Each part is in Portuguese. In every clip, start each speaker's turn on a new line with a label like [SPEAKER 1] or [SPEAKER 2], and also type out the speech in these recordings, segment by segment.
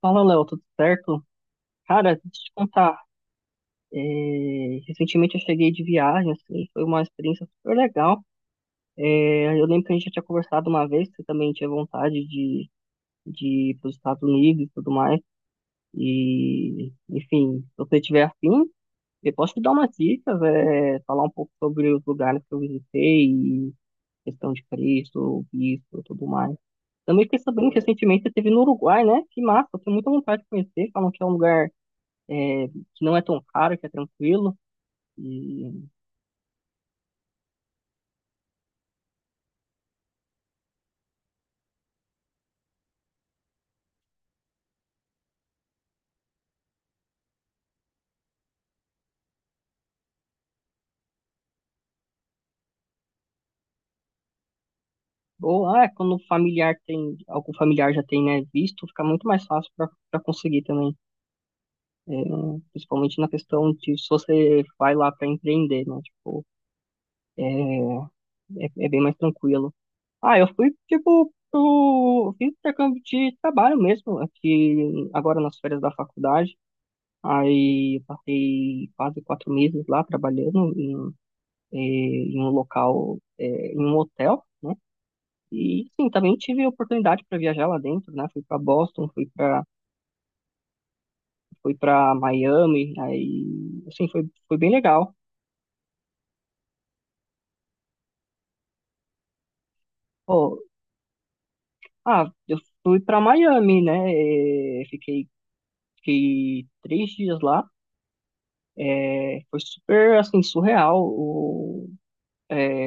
[SPEAKER 1] Fala, Léo, tudo certo? Cara, deixa eu te contar. Recentemente eu cheguei de viagem, assim, foi uma experiência super legal. Eu lembro que a gente já tinha conversado uma vez, que você também tinha vontade de ir para os Estados Unidos e tudo mais. E, enfim, se você tiver afim, eu posso te dar umas dicas, falar um pouco sobre os lugares que eu visitei, e questão de preço, visto e tudo mais. Também fiquei sabendo que recentemente você esteve no Uruguai, né? Que massa, eu tenho muita vontade de conhecer, falam que é um lugar que não é tão caro, que é tranquilo. E, quando o familiar tem, algum familiar já tem, né, visto, fica muito mais fácil para conseguir também. É, Principalmente na questão de se você vai lá para empreender, né? Tipo, é, é bem mais tranquilo. Ah, eu fui, tipo, fiz intercâmbio de trabalho mesmo, aqui agora nas férias da faculdade. Aí eu passei quase 4 meses lá trabalhando eh, em um hotel. E sim, também tive oportunidade para viajar lá dentro, né? Fui para Boston, fui para Miami, aí assim foi bem legal. Pô, ah, eu fui para Miami, né? eh, Fiquei fiquei 3 dias lá. Foi super assim surreal é,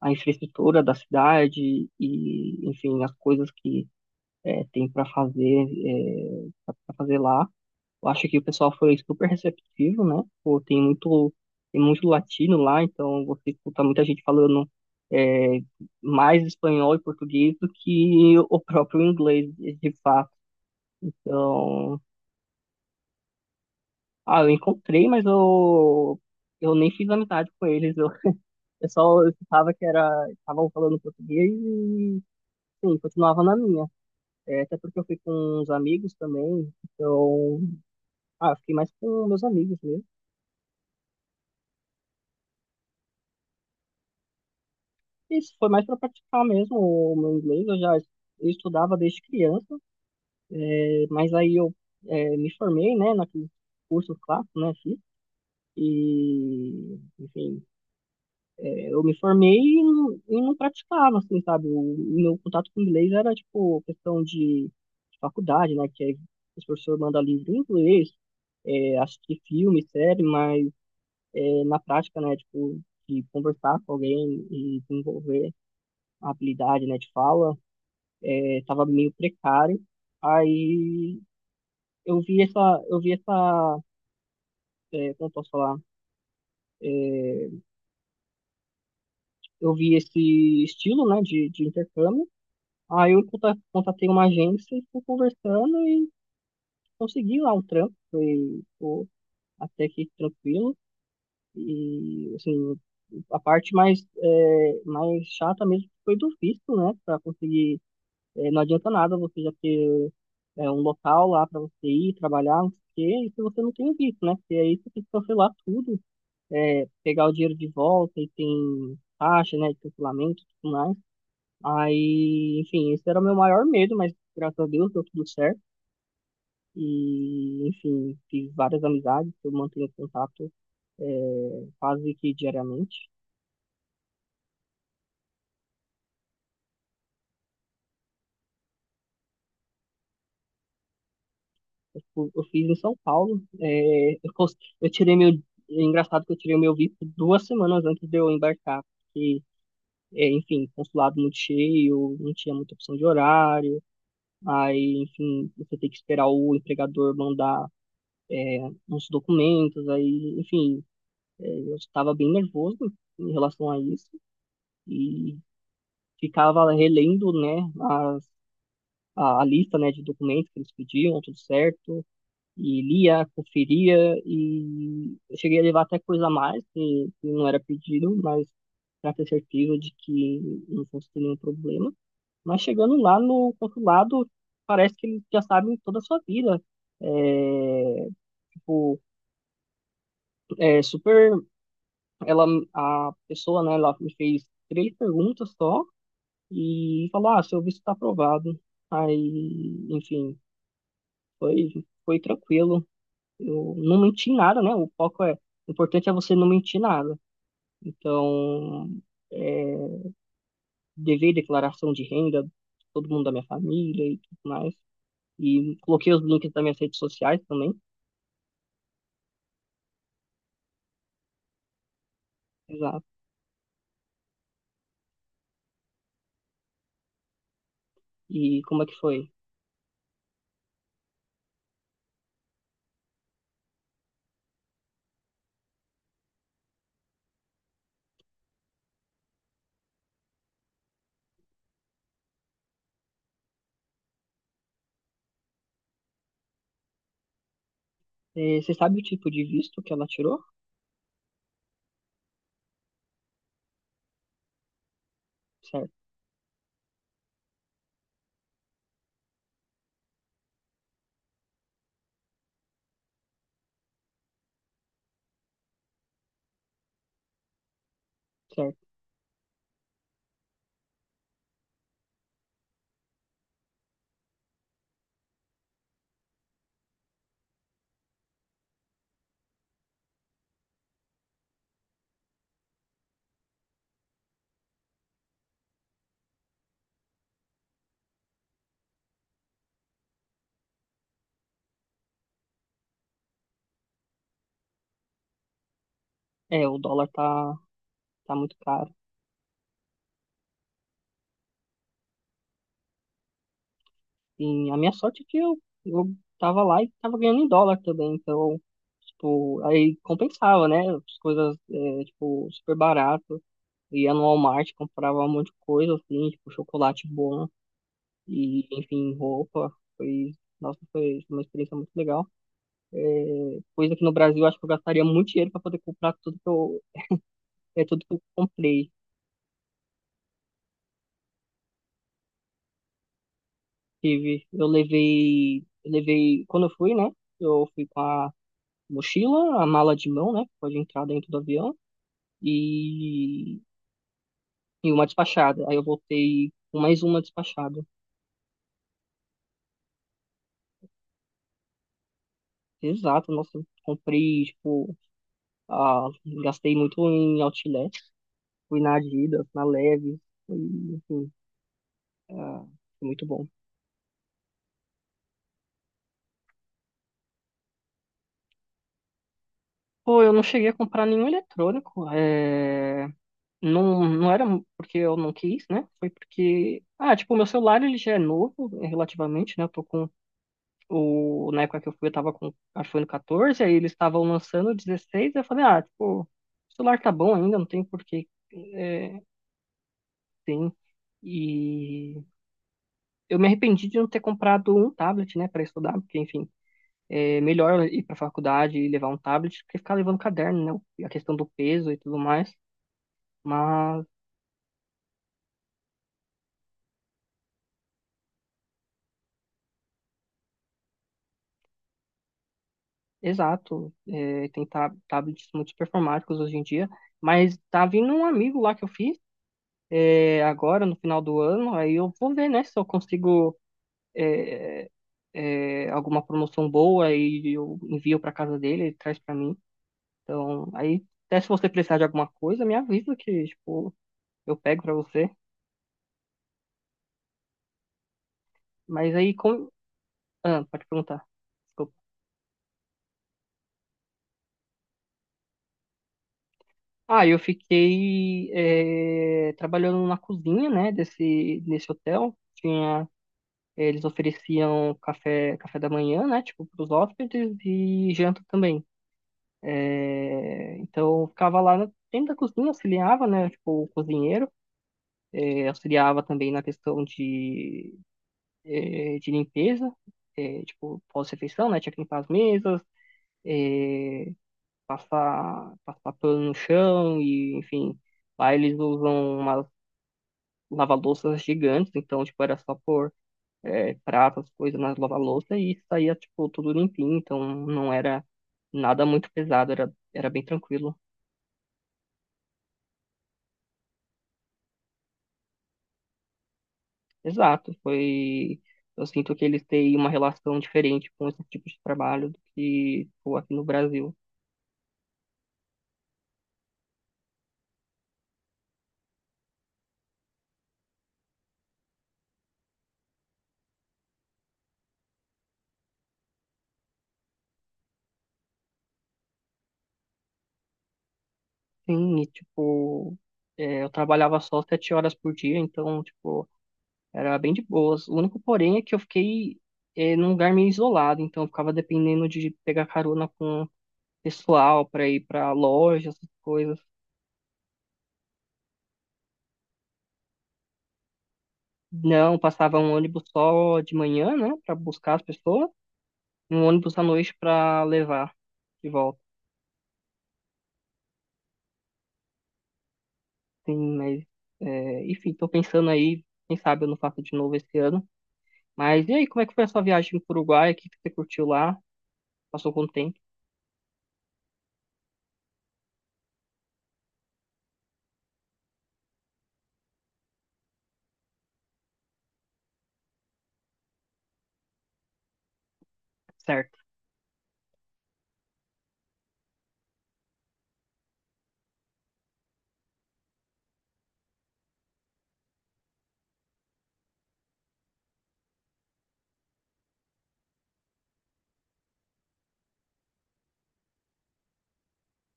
[SPEAKER 1] a infraestrutura da cidade e enfim as coisas que eh, tem para fazer eh, para fazer lá. Eu acho que o pessoal foi super receptivo, né? Pô, tem muito latino lá, então você escuta muita gente falando é, mais espanhol e português do que o próprio inglês, de fato. Então, ah, eu encontrei, mas eu nem fiz amizade com eles. Eu só escutava que era, estavam falando português e, sim, continuava na minha. Até porque eu fui com uns amigos também, então, ah, eu fiquei mais com meus amigos mesmo. Isso foi mais para praticar mesmo o meu inglês. Eu estudava desde criança, mas aí eu me formei, né, naqueles cursos clássicos, né, fiz. E, enfim, eu me formei e e não praticava, assim, sabe? O meu contato com o inglês era, tipo, questão de faculdade, né, que aí os professores mandam livro em inglês, assistir filme, série, mas na prática, né, tipo, de conversar com alguém e desenvolver a habilidade, né, de fala. Estava meio precário. Aí eu vi essa, eu vi essa, é, como eu posso falar? Eu vi esse estilo, né, de intercâmbio. Aí eu contatei uma agência e fui conversando e consegui lá um trampo. Foi, pô, até que tranquilo. E, assim, a parte mais chata mesmo foi do visto, né, para conseguir. Não adianta nada você já ter um local lá para você ir trabalhar, não sei o quê, e se você não tem o visto, né? Porque aí você tem que cancelar tudo, pegar o dinheiro de volta e tem taxa, né, de cancelamento e tudo mais. Aí, enfim, esse era o meu maior medo, mas graças a Deus deu tudo certo. E, enfim, fiz várias amizades, eu mantenho contato quase que diariamente. Tipo, eu fiz em São Paulo. Eu tirei meu. É engraçado que eu tirei o meu visto 2 semanas antes de eu embarcar. Porque, enfim, consulado muito cheio, não tinha muita opção de horário. Aí, enfim, você tem que esperar o empregador mandar, é, uns documentos. Aí, enfim, eu estava bem nervoso em relação a isso. E ficava relendo, né, a lista, né, de documentos que eles pediam, tudo certo. E lia, conferia e eu cheguei a levar até coisa a mais que não era pedido, mas para ter certeza de que não fosse ter nenhum problema. Mas chegando lá no consulado, parece que eles já sabem toda a sua vida. É, tipo, É super. Ela, a pessoa, né, ela me fez três perguntas só e falou: Ah, seu visto está aprovado. Aí, enfim, foi tranquilo. Eu não menti em nada, né? O foco é, o importante é você não mentir nada. Então, é, devei declaração de renda, todo mundo da minha família e tudo mais. E coloquei os links das minhas redes sociais também. Exato. E como é que foi? Você sabe o tipo de visto que ela tirou? Certo, certo. O dólar tá muito caro. E a minha sorte é que eu tava lá e tava ganhando em dólar também. Então, tipo, aí compensava, né? As coisas, tipo, super barato. Ia no Walmart, comprava um monte de coisa, assim, tipo, chocolate bom e, enfim, roupa. Foi, nossa, foi uma experiência muito legal. Coisa que no Brasil, eu acho que eu gastaria muito dinheiro para poder comprar tudo que eu comprei. Tive, quando eu fui, né, eu fui com a mochila, a mala de mão, né, que pode entrar dentro do avião, e, e uma despachada. Aí eu voltei com mais uma despachada. Exato, nossa, eu comprei, tipo, ah, gastei muito em outlet, fui na Adidas, na Levi's, e, enfim, ah, foi muito bom. Pô, eu não cheguei a comprar nenhum eletrônico, não, não era porque eu não quis, né? Foi porque, ah, tipo, o meu celular ele já é novo, relativamente, né? Eu tô com o... Na época que eu fui, eu tava com iPhone 14, aí eles estavam lançando o 16, eu falei, ah, tipo, o celular tá bom ainda, não tem por que, é, tem... e eu me arrependi de não ter comprado um tablet, né, para estudar, porque, enfim, é melhor eu ir para faculdade e levar um tablet que ficar levando caderno, né, a questão do peso e tudo mais. Mas, exato, tem tablets muito performáticos hoje em dia. Mas tá vindo um amigo lá que eu fiz agora, no final do ano, aí eu vou ver, né, se eu consigo alguma promoção boa e eu envio para casa dele, ele traz para mim. Então, aí, até se você precisar de alguma coisa, me avisa que, tipo, eu pego para você. Mas aí, com... Pode perguntar. Desculpa. Ah, eu fiquei trabalhando na cozinha, né, desse hotel. Tinha, eles ofereciam café, café da manhã, né, tipo, para os hóspedes e janta também. Então, eu ficava lá dentro da cozinha, auxiliava, né, tipo, o cozinheiro. Auxiliava também na questão de limpeza, tipo, pós-refeição, né, tinha que limpar as mesas, Eh, passar pano no chão e, enfim, lá eles usam umas lava-louças gigantes, então, tipo, era só pôr pratas, coisas nas lava-louça e saía, tipo, tudo limpinho, então não era nada muito pesado, era bem tranquilo. Exato, foi... Eu sinto que eles têm uma relação diferente com esse tipo de trabalho do que, tipo, aqui no Brasil. Sim, e, tipo, eu trabalhava só 7 horas por dia, então, tipo, era bem de boas. O único porém é que eu fiquei num lugar meio isolado, então eu ficava dependendo de pegar carona com pessoal para ir para loja, essas coisas. Não, passava um ônibus só de manhã, né, para buscar as pessoas, e um ônibus à noite para levar de volta. Sim, mas enfim, tô pensando aí, quem sabe eu não faço de novo esse ano. Mas e aí, como é que foi a sua viagem pro Uruguai? O que que você curtiu lá? Passou quanto tempo? Certo,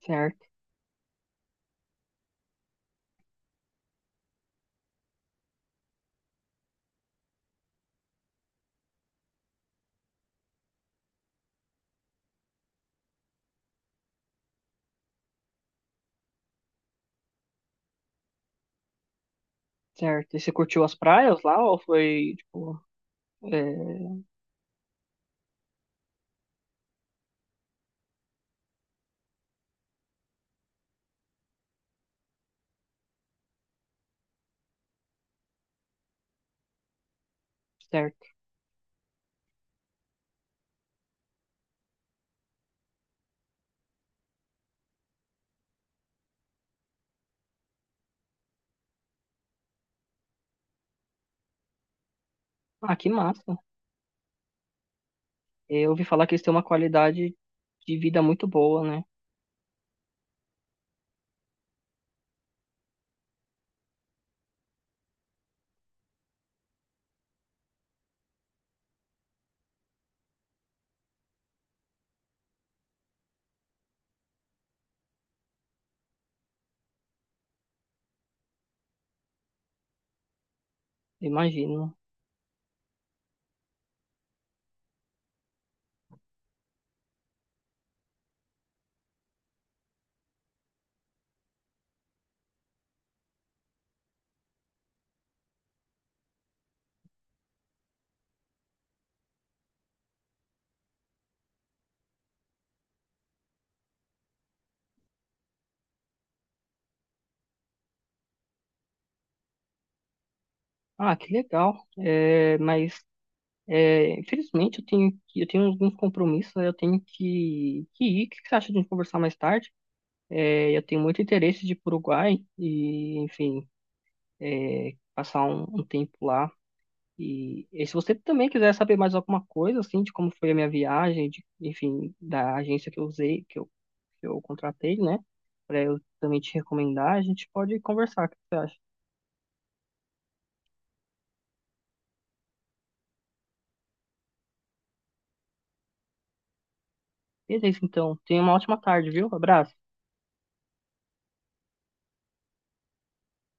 [SPEAKER 1] certo, certo. E você curtiu as praias lá ou foi, tipo, é, certo. Ah, que massa. Eu ouvi falar que eles têm uma qualidade de vida muito boa, né? Imagino. Ah, que legal. Infelizmente, eu tenho alguns compromissos, eu tenho que ir. O que você acha de a gente conversar mais tarde? Eu tenho muito interesse de ir para o Uruguai e, enfim, passar um tempo lá. E se você também quiser saber mais alguma coisa, assim, de como foi a minha viagem, de, enfim, da agência que eu usei, que eu contratei, né? Para eu também te recomendar, a gente pode conversar, o que você acha? Beleza, então. Tenha uma ótima tarde, viu? Abraço.